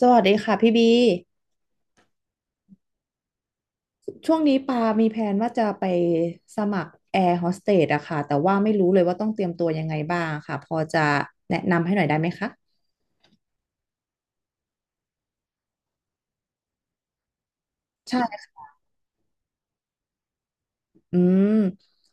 สวัสดีค่ะพี่บีช่วงนี้ปา มีแผนว่าจะไปสมัครแอร์โฮสเตสอะค่ะแต่ว่าไม่รู้เลยว่าต้องเตรียมตัวยังไงบ้างค่ะพอจะแนะนำให้หน่อยได้ไหมคะใช่ค่ะอืม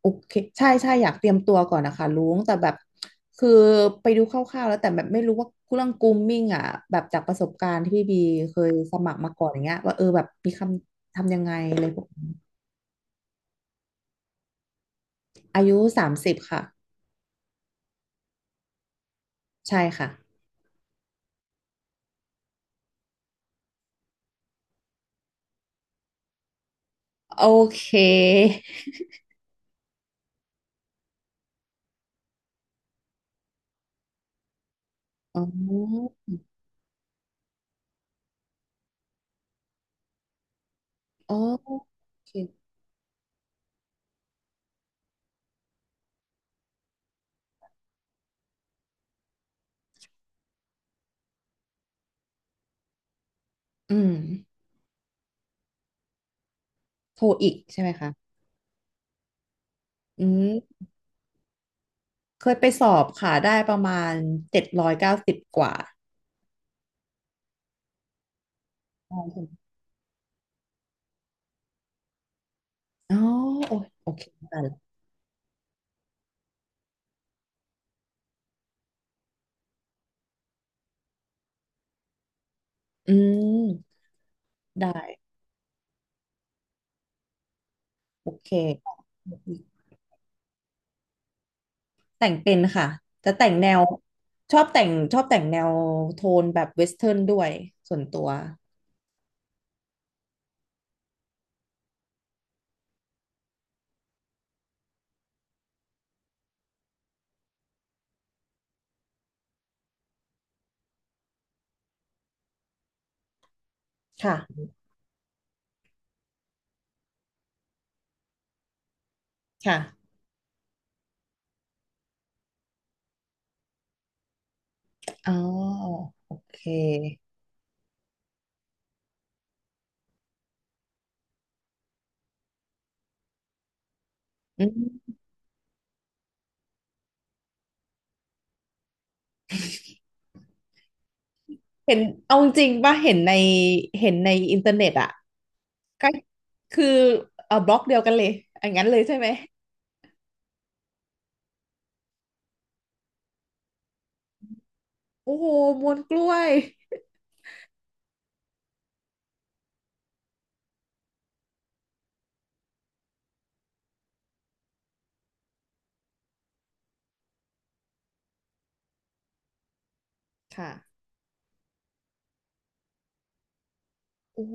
โอเคใช่ใช่อยากเตรียมตัวก่อนนะคะลุงแต่แบบคือไปดูคร่าวๆแล้วแต่แบบไม่รู้ว่าเรื่องกรูมมิ่งอะแบบจากประสบการณ์ที่พี่บีเคยสมัครมาก่อนอย่างเงี้ยว่าเออแบบมีคำทำยังไงอะไรพวกนี้อายุสามสิบค่ะใช่ค่ะโอเคอ๋อ อ๋อโอเค อืม โทรอีกใช่ไหมคะอืม เคยไปสอบค่ะได้ประมาณ790กว่าอ๋ออ๋อโอยโอเคได้ละอืม ได้ โอเค แต่งเป็นค่ะ จะแต่งแนวชอบแต่งชอบแต่งแนวโทนแบบเวสเทิร์นด้วยส่วนตัว ค่ะ ค่ะ อ๋อโอเคอืมเห็นเอาจริงป่ะเห็นในเห็นในอินเทอร์เน็ตอะ ก็คือเออบล็อกเดียวกันเลยอย่างนั้นเลยใช่ไหมโอ้โหมวนกล้วยค่ะโอ้โห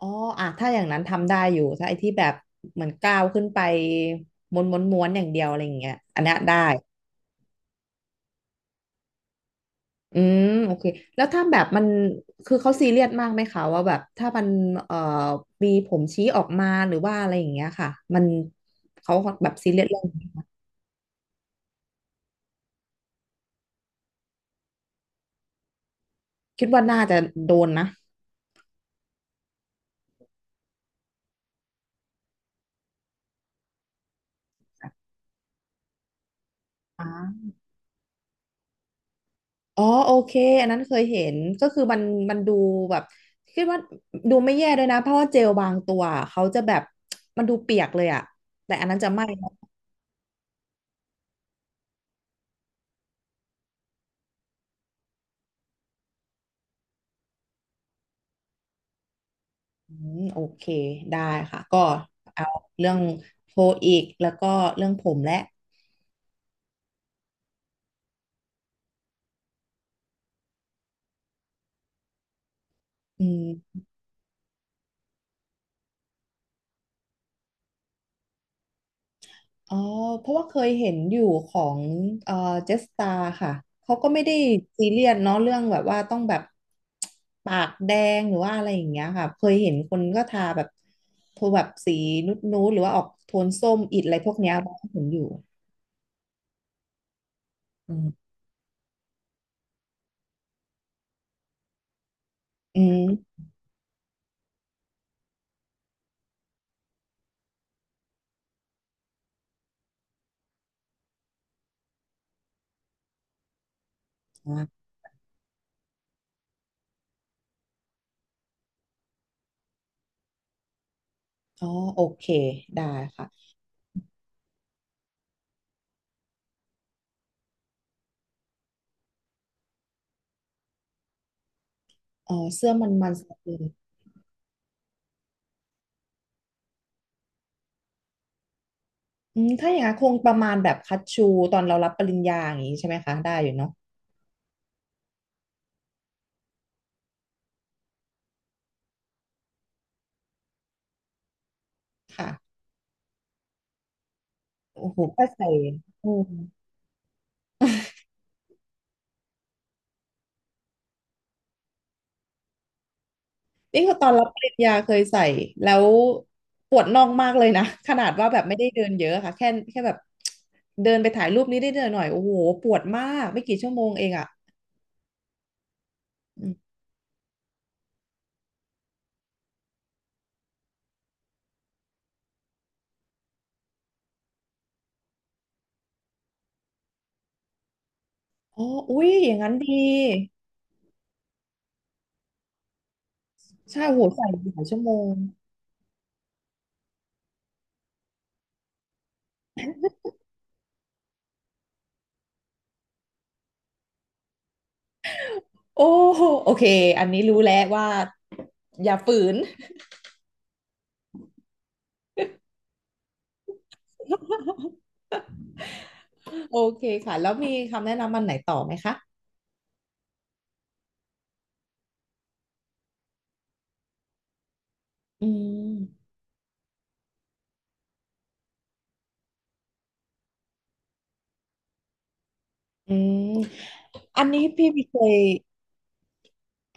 อ๋ออ่ะถ้าอย่างนั้นทำได้อยู่ถ้าไอ้ที่แบบเหมือนก้าวขึ้นไปม้วนม้วนม้วนอย่างเดียวอะไรอย่างเงี้ยอันเนี้ยได้อืมโอเคแล้วถ้าแบบมันคือเขาซีเรียสมากไหมคะว่าแบบถ้ามันเอ่อมีผมชี้ออกมาหรือว่าอะไรอย่างเงี้ยค่ะมันเขาแบบซีเรียสเรื่องนี้คิดว่าน่าจะโดนนะอ่า อ๋อโอเคอันนั้นเคยเห็นก็คือมันมันดูแบบคิดว่าดูไม่แย่ด้วยนะเพราะว่าเจลบางตัวเขาจะแบบมันดูเปียกเลยอะแต่อันนั้นจะไม่นะอืมโอเคได้ค่ะก็เอาเรื่องโพลอีกแล้วก็เรื่องผมและอืม อ๋อเพราะว่าเคยเห็นอยู่ของเอ่อเจสตาค่ะ เขาก็ไม่ได้ซีเรียสเนาะเรื่องแบบว่าต้องแบบปากแดงหรือว่าอะไรอย่างเงี้ยค่ะเคยเห็นคนก็ทาแบบโทนแบบสีนุดนูดหรือว่าออกโทนส้มอิดอะไรพวกเนี้ยเราก็เห็นอยู่อืมอืมอ่ะอ๋อโอเคได้ค่ะอ๋อเสื้อมันมันสกเลยอืมถ้าอย่างนั้นคงประมาณแบบคัตชูตอนเรารับปริญญาอย่างนี้ใช่ไหมคะได้อยู่เนาะค่ะโอ้โหก็ใส่อืม นี่คือตอนรับปริญญาเคยใส่แล้วปวดน่องมากเลยนะ ขนาดว่าแบบไม่ได้เดินเยอะค่ะแค่แบบเดินไปถ่ายรูปนี้ได้เดินหน่อยโอ้โหปวดมากไม่กี่ชั่วโมงเองอ่ะอมอ๋ออุ้ยอย่างนั้นดีใช่โอ้โหใส่หลายชั่วโมงโอ้โหโอเคอันนี้รู้แล้วว่าอย่าฝืน โอเคค่ะแล้วมีคำแนะนำมันไหนต่อไหมคะอืมอืมอันนี้พี่เคย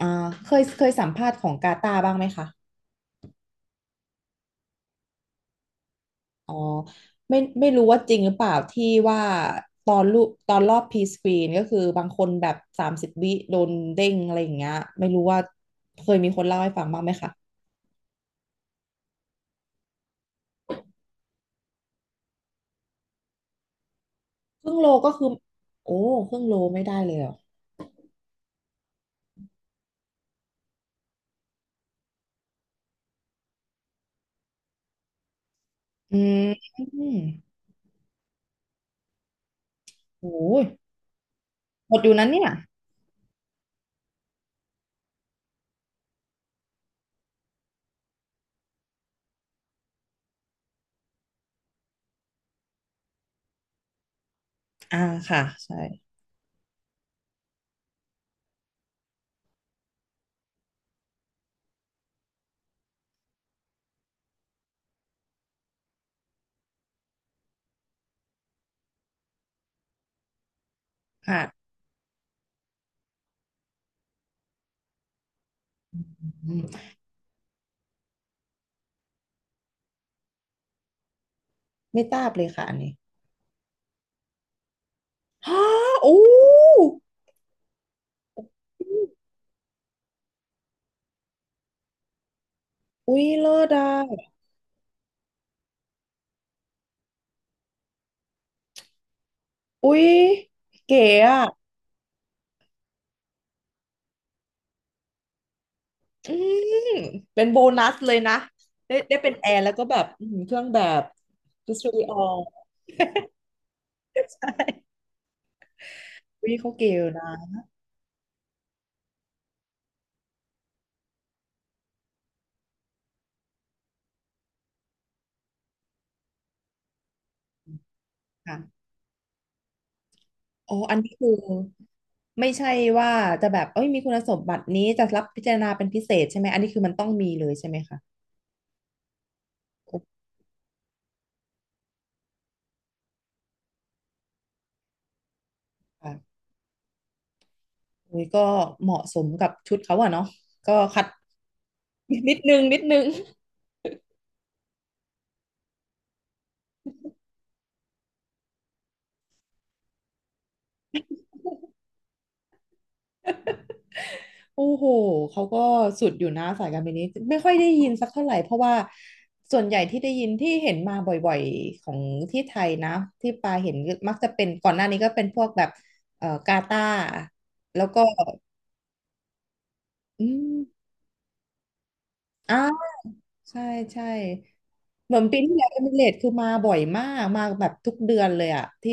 อ่าเคยสัมภาษณ์ของกาตาร์บ้างไหมคะ อ๋อไม่รู้ว่าจริงหรือเปล่าที่ว่าตอนรูปตอนรอบพีสกรีนก็คือบางคนแบบสามสิบวิโดนเด้งอะไรอย่างเงี้ยไม่รู้ว่าเคยมีคนเล่าให้ฟังบ้างไหมคะครึ่งโลก็คือโอ้ครึ่งโลไม่ได้เลยเหรออืมโอ้ยหมดอยู่นั้นเนี่ยอ่าค่ะใช่ค่ะอืมไม่ทราบเลยค่ะอันนี้ฮ่าโอ้อุ้ยเลิศอ่ะอุ้ยเก๋อ่ะ อืมเป็นโบนัสเลยนะได้ได้เป็นแอร์แล้วก็แบบอืมเครื่องแบบชุดสตูดิโอใช่วิเขาเกลนะค่ะอ๋ออันนี้คือไม่ใช่ว่าจะแบบเอ้ยมีคุณสมบัตินี้จะรับพิจารณาเป็นพิเศษใช่ไหมอันนี้คือมันต้องมีเลยใช่ไหมคะโอเคค่ะอุ้ยก็เหมาะสมกับชุดเขาอะเนาะก็ขัดนิดนึงนิดนึง โอ้โห เขาก็สุดอยู่นะสายการบินนี้ไม่ค่อยได้ยินสักเท่าไหร่เพราะว่าส่วนใหญ่ที่ได้ยินที่เห็นมาบ่อยๆของที่ไทยนะที่ปาเห็นมักจะเป็นก่อนหน้านี้ก็เป็นพวกแบบกาตาร์แล้วก็อืมอ้าวใช่ใช่เหมือนปีที่แล้วเอมิเรตคือมาบ่อยมากมาแบบทุกเดือนเลยอะที่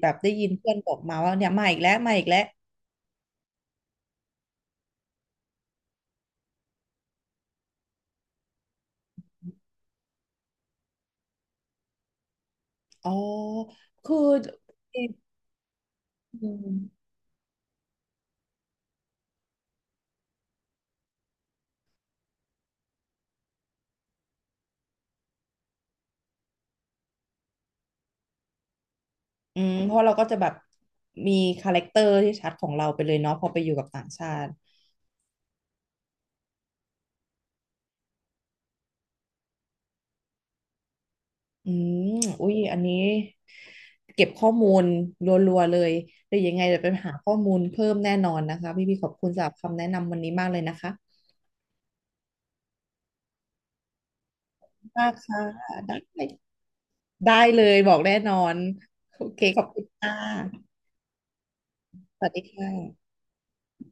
แบบได้ยินเพื่อนบอกมาว่าเนี่ยมาอีกแล้วมาอีกแล้วอ๋อคืออืม อืมเพราะเราก็จะแบบมีคาแรคเตอร์ที่ชัดของเราไปเลยเนาะพอไปอยู่กับต่างชาติอืมอุ้ยอันนี้เก็บข้อมูลรัวๆเลยเดี๋ยวยังไงเดี๋ยวไปหาข้อมูลเพิ่มแน่นอนนะคะพี่ขอบคุณสำหรับคำแนะนำวันนี้มากเลยนะคะมากค่ะได้เลยบอกแน่นอนโอเคขอบคุณค่ะสวัสดีค่ะ